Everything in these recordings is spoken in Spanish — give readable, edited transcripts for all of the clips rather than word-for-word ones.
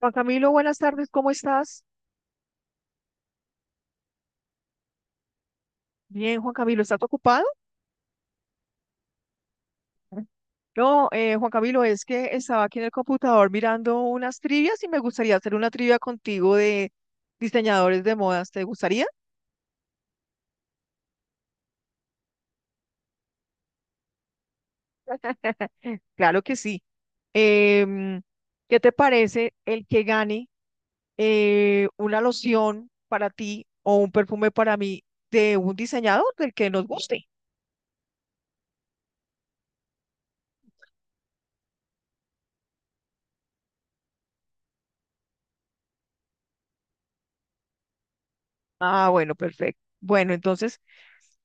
Juan Camilo, buenas tardes, ¿cómo estás? Bien, Juan Camilo, ¿estás ocupado? No, Juan Camilo, es que estaba aquí en el computador mirando unas trivias y me gustaría hacer una trivia contigo de diseñadores de modas. ¿Te gustaría? Claro que sí. Em, ¿Qué te parece el que gane una loción para ti o un perfume para mí de un diseñador del que nos guste? Ah, bueno, perfecto. Bueno, entonces,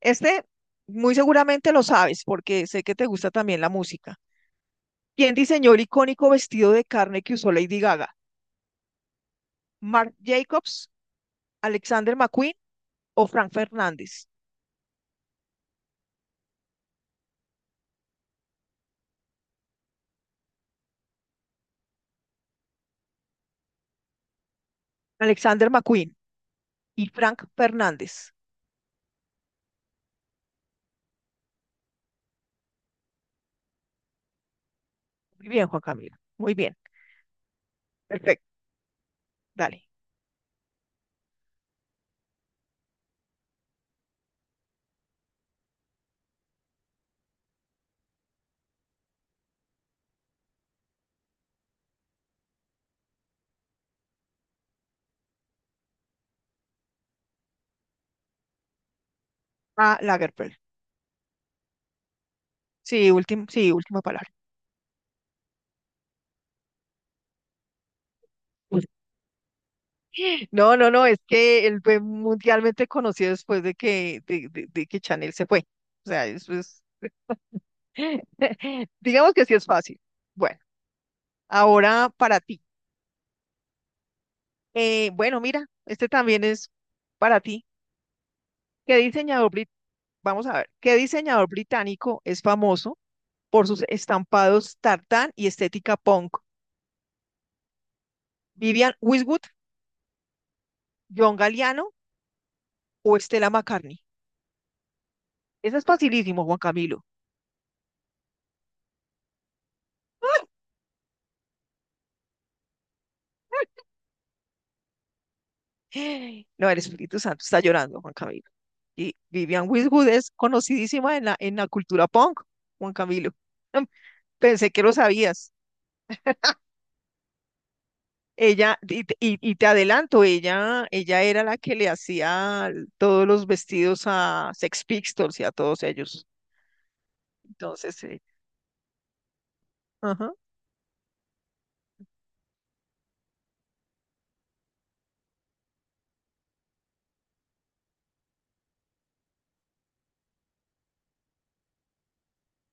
Este, muy seguramente lo sabes, porque sé que te gusta también la música. ¿Quién diseñó el icónico vestido de carne que usó Lady Gaga? ¿Marc Jacobs, Alexander McQueen o Frank Fernández? Alexander McQueen y Frank Fernández. Muy bien, Juan Camilo. Muy bien. Perfecto. Dale. A Lagerfeld. Sí, último, sí, última palabra. No, no, no, es que él fue mundialmente conocido después de que Chanel se fue. O sea, eso es, digamos que sí es fácil. Bueno, ahora para ti. Bueno, mira, este también es para ti. ¿Qué diseñador vamos a ver, qué diseñador británico es famoso por sus estampados tartán y estética punk? ¿Vivian Westwood, John Galliano o Stella McCartney? Esa es facilísimo, Juan Camilo. No, el Espíritu Santo está llorando, Juan Camilo. Y Vivian Westwood es conocidísima en la cultura punk, Juan Camilo. Pensé que lo sabías. Ella, y te adelanto, ella era la que le hacía todos los vestidos a Sex Pistols y a todos ellos. Entonces, ajá,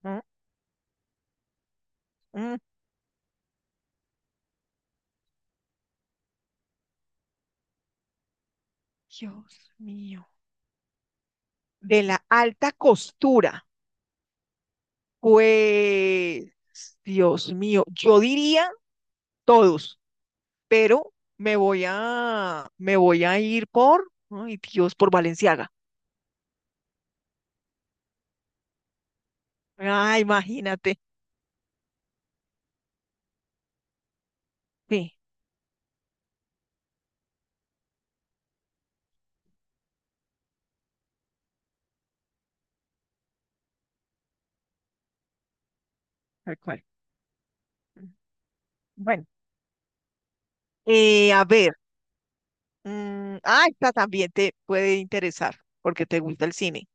mm, mm, Dios mío. De la alta costura, pues, Dios mío, yo diría todos, pero me voy a ir por, ay Dios, por Valenciaga. Ah, imagínate. Sí, tal cual. Bueno, a ver. Esta también te puede interesar porque te gusta el cine.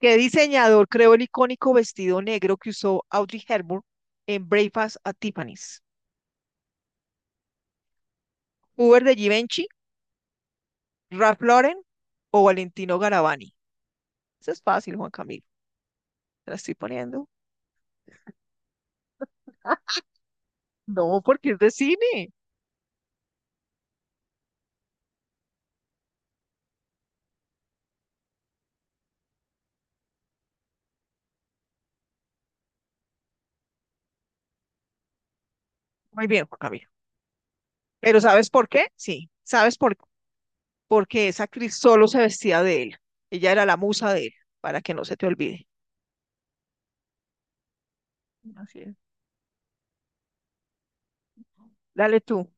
¿Qué diseñador creó el icónico vestido negro que usó Audrey Hepburn en Breakfast at Tiffany's? ¿Hubert de Givenchy, Ralph Lauren o Valentino Garavani? Eso es fácil, Juan Camilo. Te la estoy poniendo. No, porque es de cine. Muy bien, Juan Camilo. Pero ¿sabes por qué? Sí, ¿sabes por qué? Porque esa actriz solo se vestía de él. Ella era la musa de él, para que no se te olvide. Así es. Dale tú.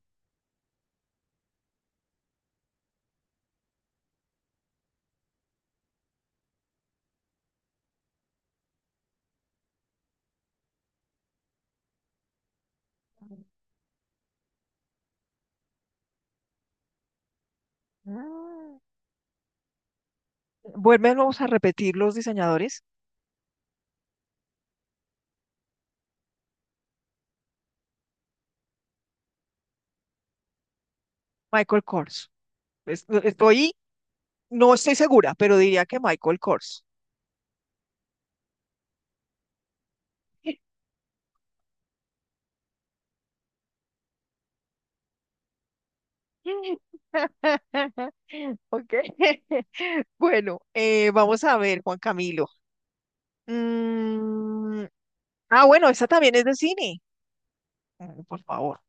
Ah, vuélvenos a repetir los diseñadores. Michael Kors. Estoy, no estoy segura, pero diría que Michael Kors. Ok. Bueno, vamos a ver, Juan Camilo. Mm, bueno, esta también es de cine. Por favor.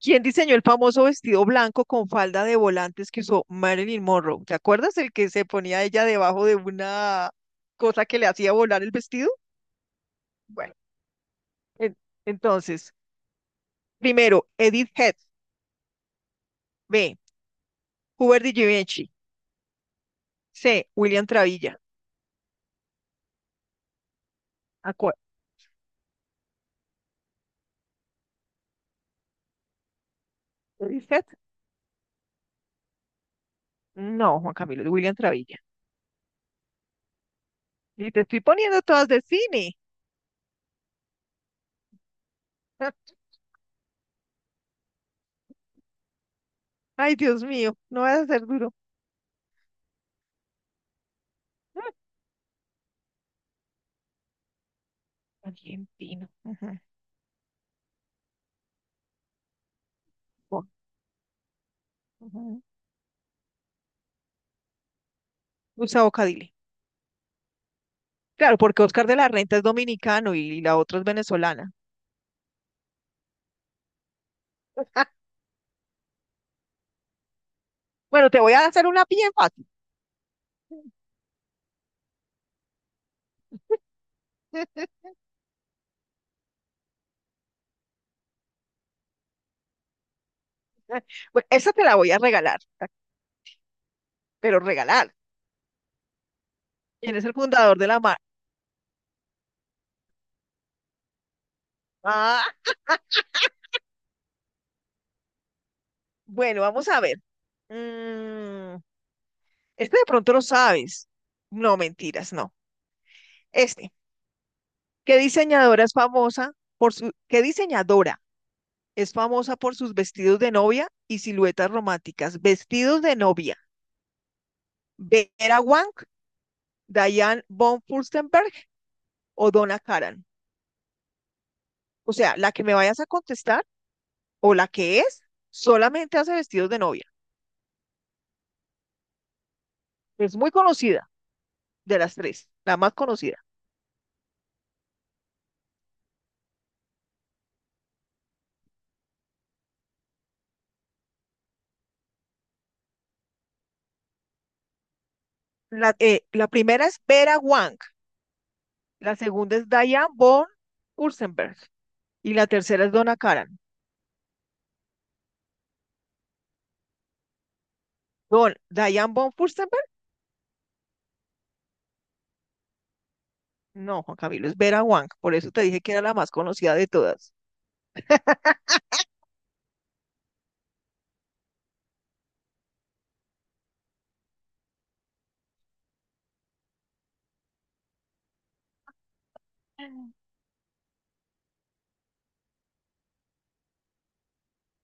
¿Quién diseñó el famoso vestido blanco con falda de volantes que usó Marilyn Monroe? ¿Te acuerdas el que se ponía ella debajo de una cosa que le hacía volar el vestido? Bueno, en- entonces, primero, Edith Head. B. Hubert de Givenchy. C. William Travilla. Acu- ¿Edith Head? No, Juan Camilo, es William Travilla. Y te estoy poniendo todas de cine. Ay, Dios mío, no vas a ser duro. Argentino. Ujú. Bueno, ujú. Usa bocadile. Claro, porque Oscar de la Renta es dominicano y la otra es venezolana. Bueno, te voy a hacer una bien fácil. Bueno, esa te la voy a regalar, pero regalar. ¿Quién es el fundador de la marca? Ah, bueno, vamos a ver. Mm, este de pronto lo sabes. No, mentiras, no. Este, ¿Qué diseñadora es famosa qué diseñadora es famosa por sus vestidos de novia y siluetas románticas? Vestidos de novia. Vera Wang, Diane von Furstenberg o Donna Karan. O sea, la que me vayas a contestar o la que es, solamente hace vestidos de novia. Es muy conocida de las tres, la más conocida. La primera es Vera Wang, la segunda es Diane von Furstenberg y la tercera es Donna Karan. Diane von Furstenberg, no, Juan Camilo, es Vera Wang, por eso te dije que era la más conocida de todas.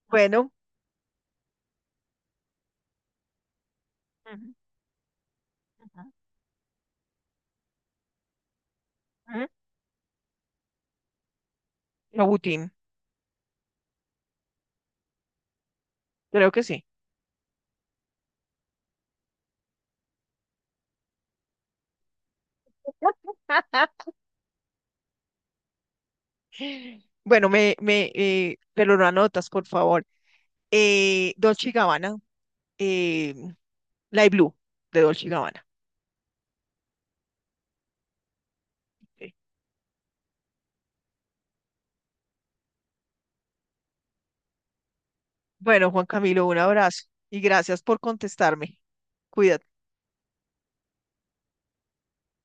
Bueno, Abutín, creo que sí. Bueno, pero lo anotas, por favor. Dolce y Gabbana, eh, Blue de Dolce y Gabbana. Ok. Bueno, Juan Camilo, un abrazo y gracias por contestarme. Cuídate.